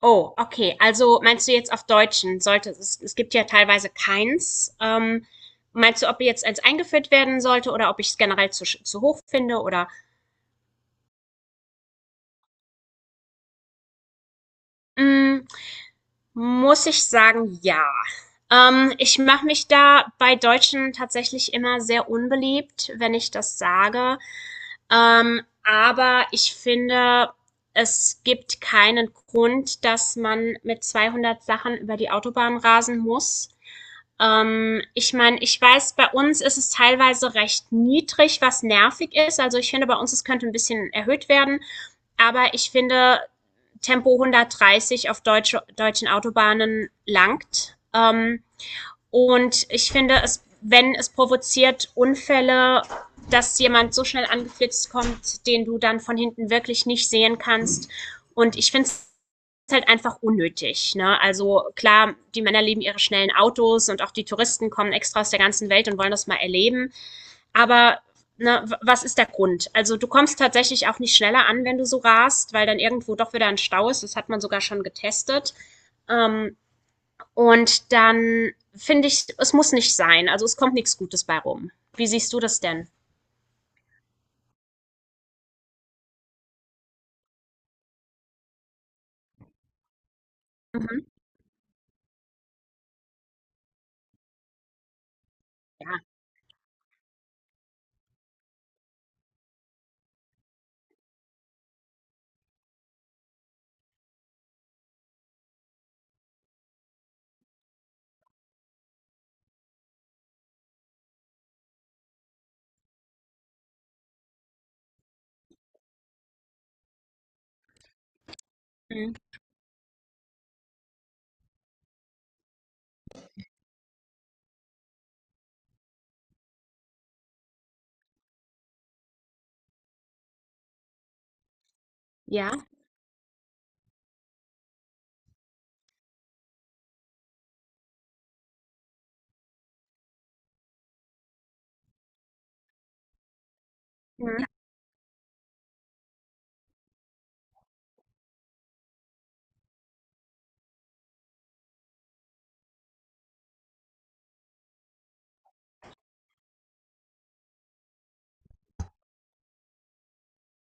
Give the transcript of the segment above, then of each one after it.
Oh, okay. Also meinst du jetzt auf Deutschen? Es gibt ja teilweise keins. Meinst du, ob jetzt eins eingeführt werden sollte oder ob ich es generell zu hoch finde? Mm, Muss ich sagen, ja. Ich mache mich da bei Deutschen tatsächlich immer sehr unbeliebt, wenn ich das sage. Aber ich finde, es gibt keinen Grund, dass man mit 200 Sachen über die Autobahn rasen muss. Ich meine, ich weiß, bei uns ist es teilweise recht niedrig, was nervig ist. Also ich finde, bei uns es könnte ein bisschen erhöht werden. Aber ich finde, Tempo 130 auf deutschen Autobahnen langt. Und ich finde, es, wenn es provoziert Unfälle, dass jemand so schnell angeflitzt kommt, den du dann von hinten wirklich nicht sehen kannst. Und ich finde es halt einfach unnötig. Ne? Also klar, die Männer lieben ihre schnellen Autos und auch die Touristen kommen extra aus der ganzen Welt und wollen das mal erleben. Aber ne, was ist der Grund? Also du kommst tatsächlich auch nicht schneller an, wenn du so rast, weil dann irgendwo doch wieder ein Stau ist. Das hat man sogar schon getestet. Ähm, und dann finde ich, es muss nicht sein. Also es kommt nichts Gutes bei rum. Wie siehst du das denn? Mhm. Ja. Mhm. Ja. Mhm.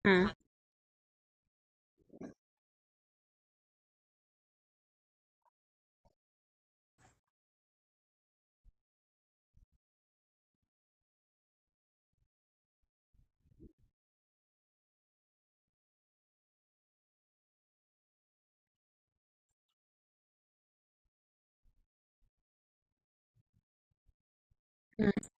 Mhm. Mhm.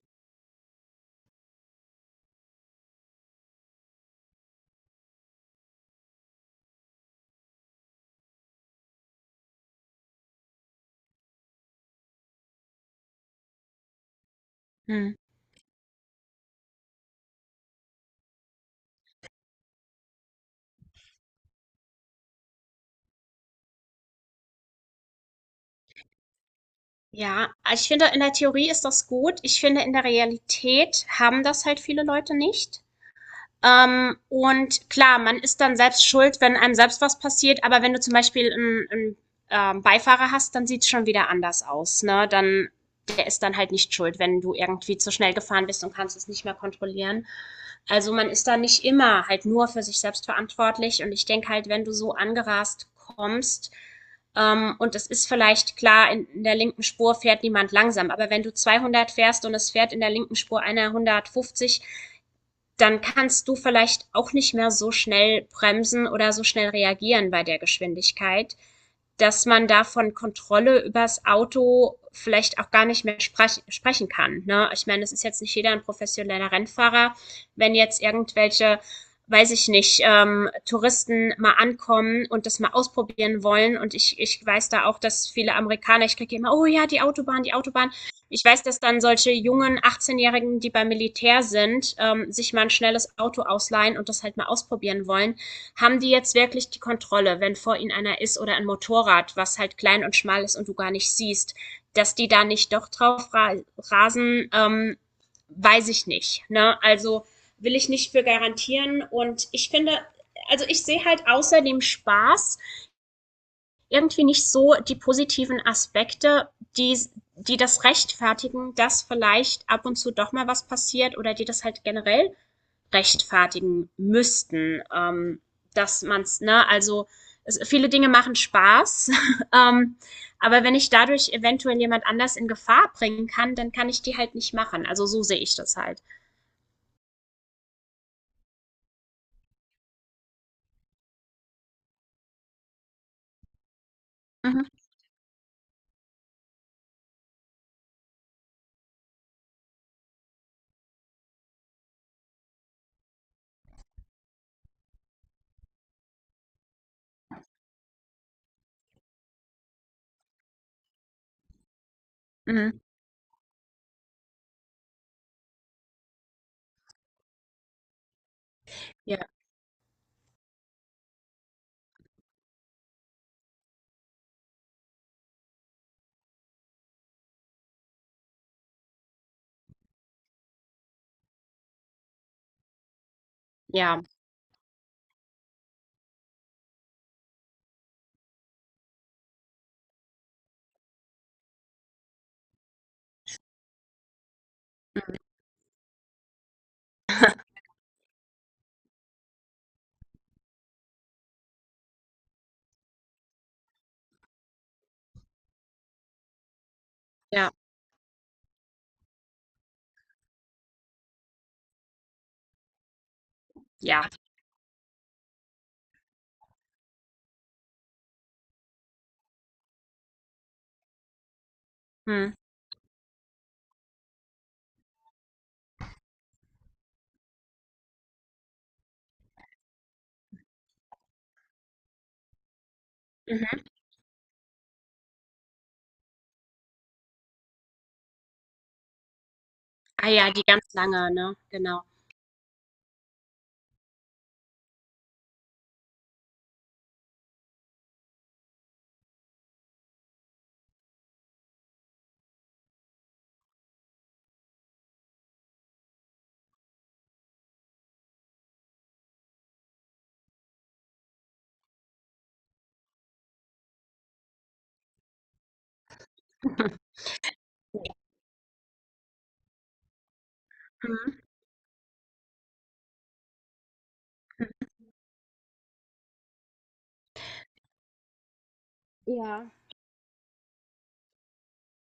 Mhm. Ja, ich finde, in der Theorie ist das gut. Ich finde, in der Realität haben das halt viele Leute nicht. Und klar, man ist dann selbst schuld, wenn einem selbst was passiert, aber wenn du zum Beispiel einen Beifahrer hast, dann sieht es schon wieder anders aus. Ne? Dann, der ist dann halt nicht schuld, wenn du irgendwie zu schnell gefahren bist und kannst es nicht mehr kontrollieren. Also man ist da nicht immer halt nur für sich selbst verantwortlich. Und ich denke halt, wenn du so angerast kommst, und es ist vielleicht klar, der linken Spur fährt niemand langsam, aber wenn du 200 fährst und es fährt in der linken Spur einer 150, dann kannst du vielleicht auch nicht mehr so schnell bremsen oder so schnell reagieren bei der Geschwindigkeit, dass man da von Kontrolle übers Auto vielleicht auch gar nicht mehr sprechen kann. Ne? Ich meine, es ist jetzt nicht jeder ein professioneller Rennfahrer. Wenn jetzt irgendwelche, weiß ich nicht, Touristen mal ankommen und das mal ausprobieren wollen und ich weiß da auch, dass viele Amerikaner, ich kriege immer, oh ja, die Autobahn, die Autobahn. Ich weiß, dass dann solche jungen 18-Jährigen, die beim Militär sind, sich mal ein schnelles Auto ausleihen und das halt mal ausprobieren wollen. Haben die jetzt wirklich die Kontrolle, wenn vor ihnen einer ist oder ein Motorrad, was halt klein und schmal ist und du gar nicht siehst, dass die da nicht doch drauf rasen, weiß ich nicht. Ne? Also will ich nicht für garantieren. Und ich finde, also ich sehe halt außer dem Spaß irgendwie nicht so die positiven Aspekte, die, die das rechtfertigen, dass vielleicht ab und zu doch mal was passiert oder die das halt generell rechtfertigen müssten, dass man's, ne, also es, viele Dinge machen Spaß, ähm, aber wenn ich dadurch eventuell jemand anders in Gefahr bringen kann, dann kann ich die halt nicht machen. Also so sehe ich das halt. Mhm. Mhm. Ja, ja, ja, ja. Mhm. Mhm. Ah ja, die ganz lange, ne? Genau. Mhm. Ja.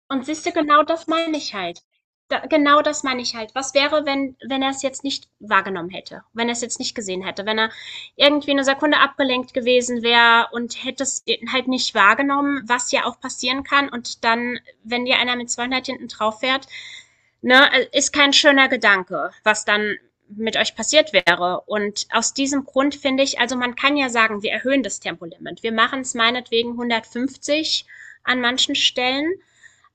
Und siehste, genau das meine ich halt. Da genau das meine ich halt. Was wäre, wenn er es jetzt nicht wahrgenommen hätte? Wenn er es jetzt nicht gesehen hätte? Wenn er irgendwie eine Sekunde abgelenkt gewesen wäre und hätte es halt nicht wahrgenommen, was ja auch passieren kann, und dann, wenn dir einer mit 200 hinten drauf fährt, ne, ist kein schöner Gedanke, was dann mit euch passiert wäre. Und aus diesem Grund finde ich, also man kann ja sagen, wir erhöhen das Tempolimit. Wir machen es meinetwegen 150 an manchen Stellen.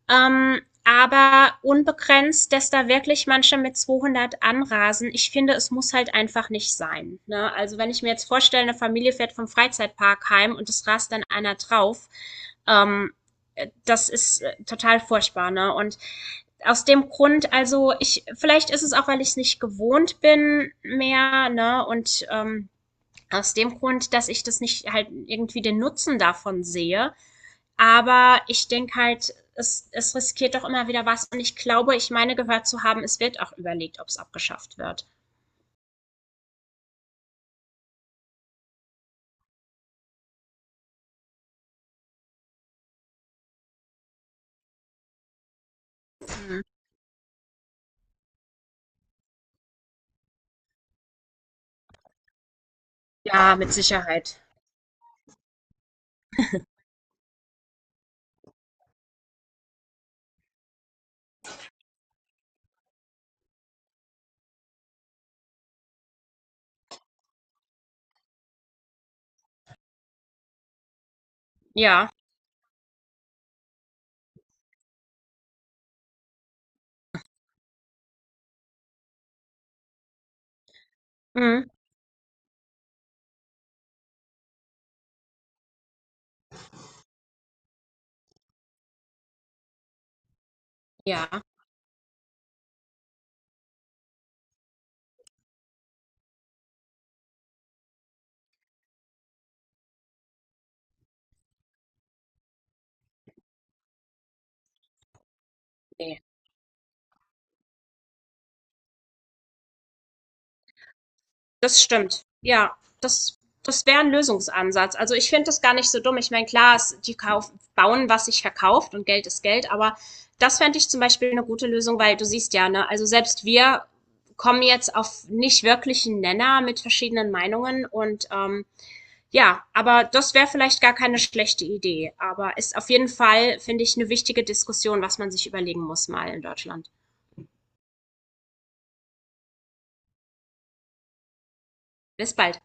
Ähm, aber unbegrenzt, dass da wirklich manche mit 200 anrasen, ich finde, es muss halt einfach nicht sein, ne? Also, wenn ich mir jetzt vorstelle, eine Familie fährt vom Freizeitpark heim und es rast dann einer drauf, ähm, das ist, total furchtbar, ne? Und aus dem Grund also, ich vielleicht ist es auch, weil ich es nicht gewohnt bin mehr, ne? Und aus dem Grund, dass ich das nicht halt irgendwie den Nutzen davon sehe, aber ich denke halt, es riskiert doch immer wieder was. Und ich glaube, ich meine gehört zu haben, es wird auch überlegt, ob es abgeschafft wird. Ja, mit Sicherheit. Ja. Mhm. Ja. Nee. Das stimmt. Ja, das wäre ein Lösungsansatz. Also ich finde das gar nicht so dumm. Ich meine, klar, es, die kauf, bauen, was sich verkauft und Geld ist Geld, aber das fände ich zum Beispiel eine gute Lösung, weil du siehst ja, ne, also selbst wir kommen jetzt auf nicht wirklichen Nenner mit verschiedenen Meinungen und ja, aber das wäre vielleicht gar keine schlechte Idee. Aber ist auf jeden Fall, finde ich, eine wichtige Diskussion, was man sich überlegen muss mal in Deutschland. Bis bald.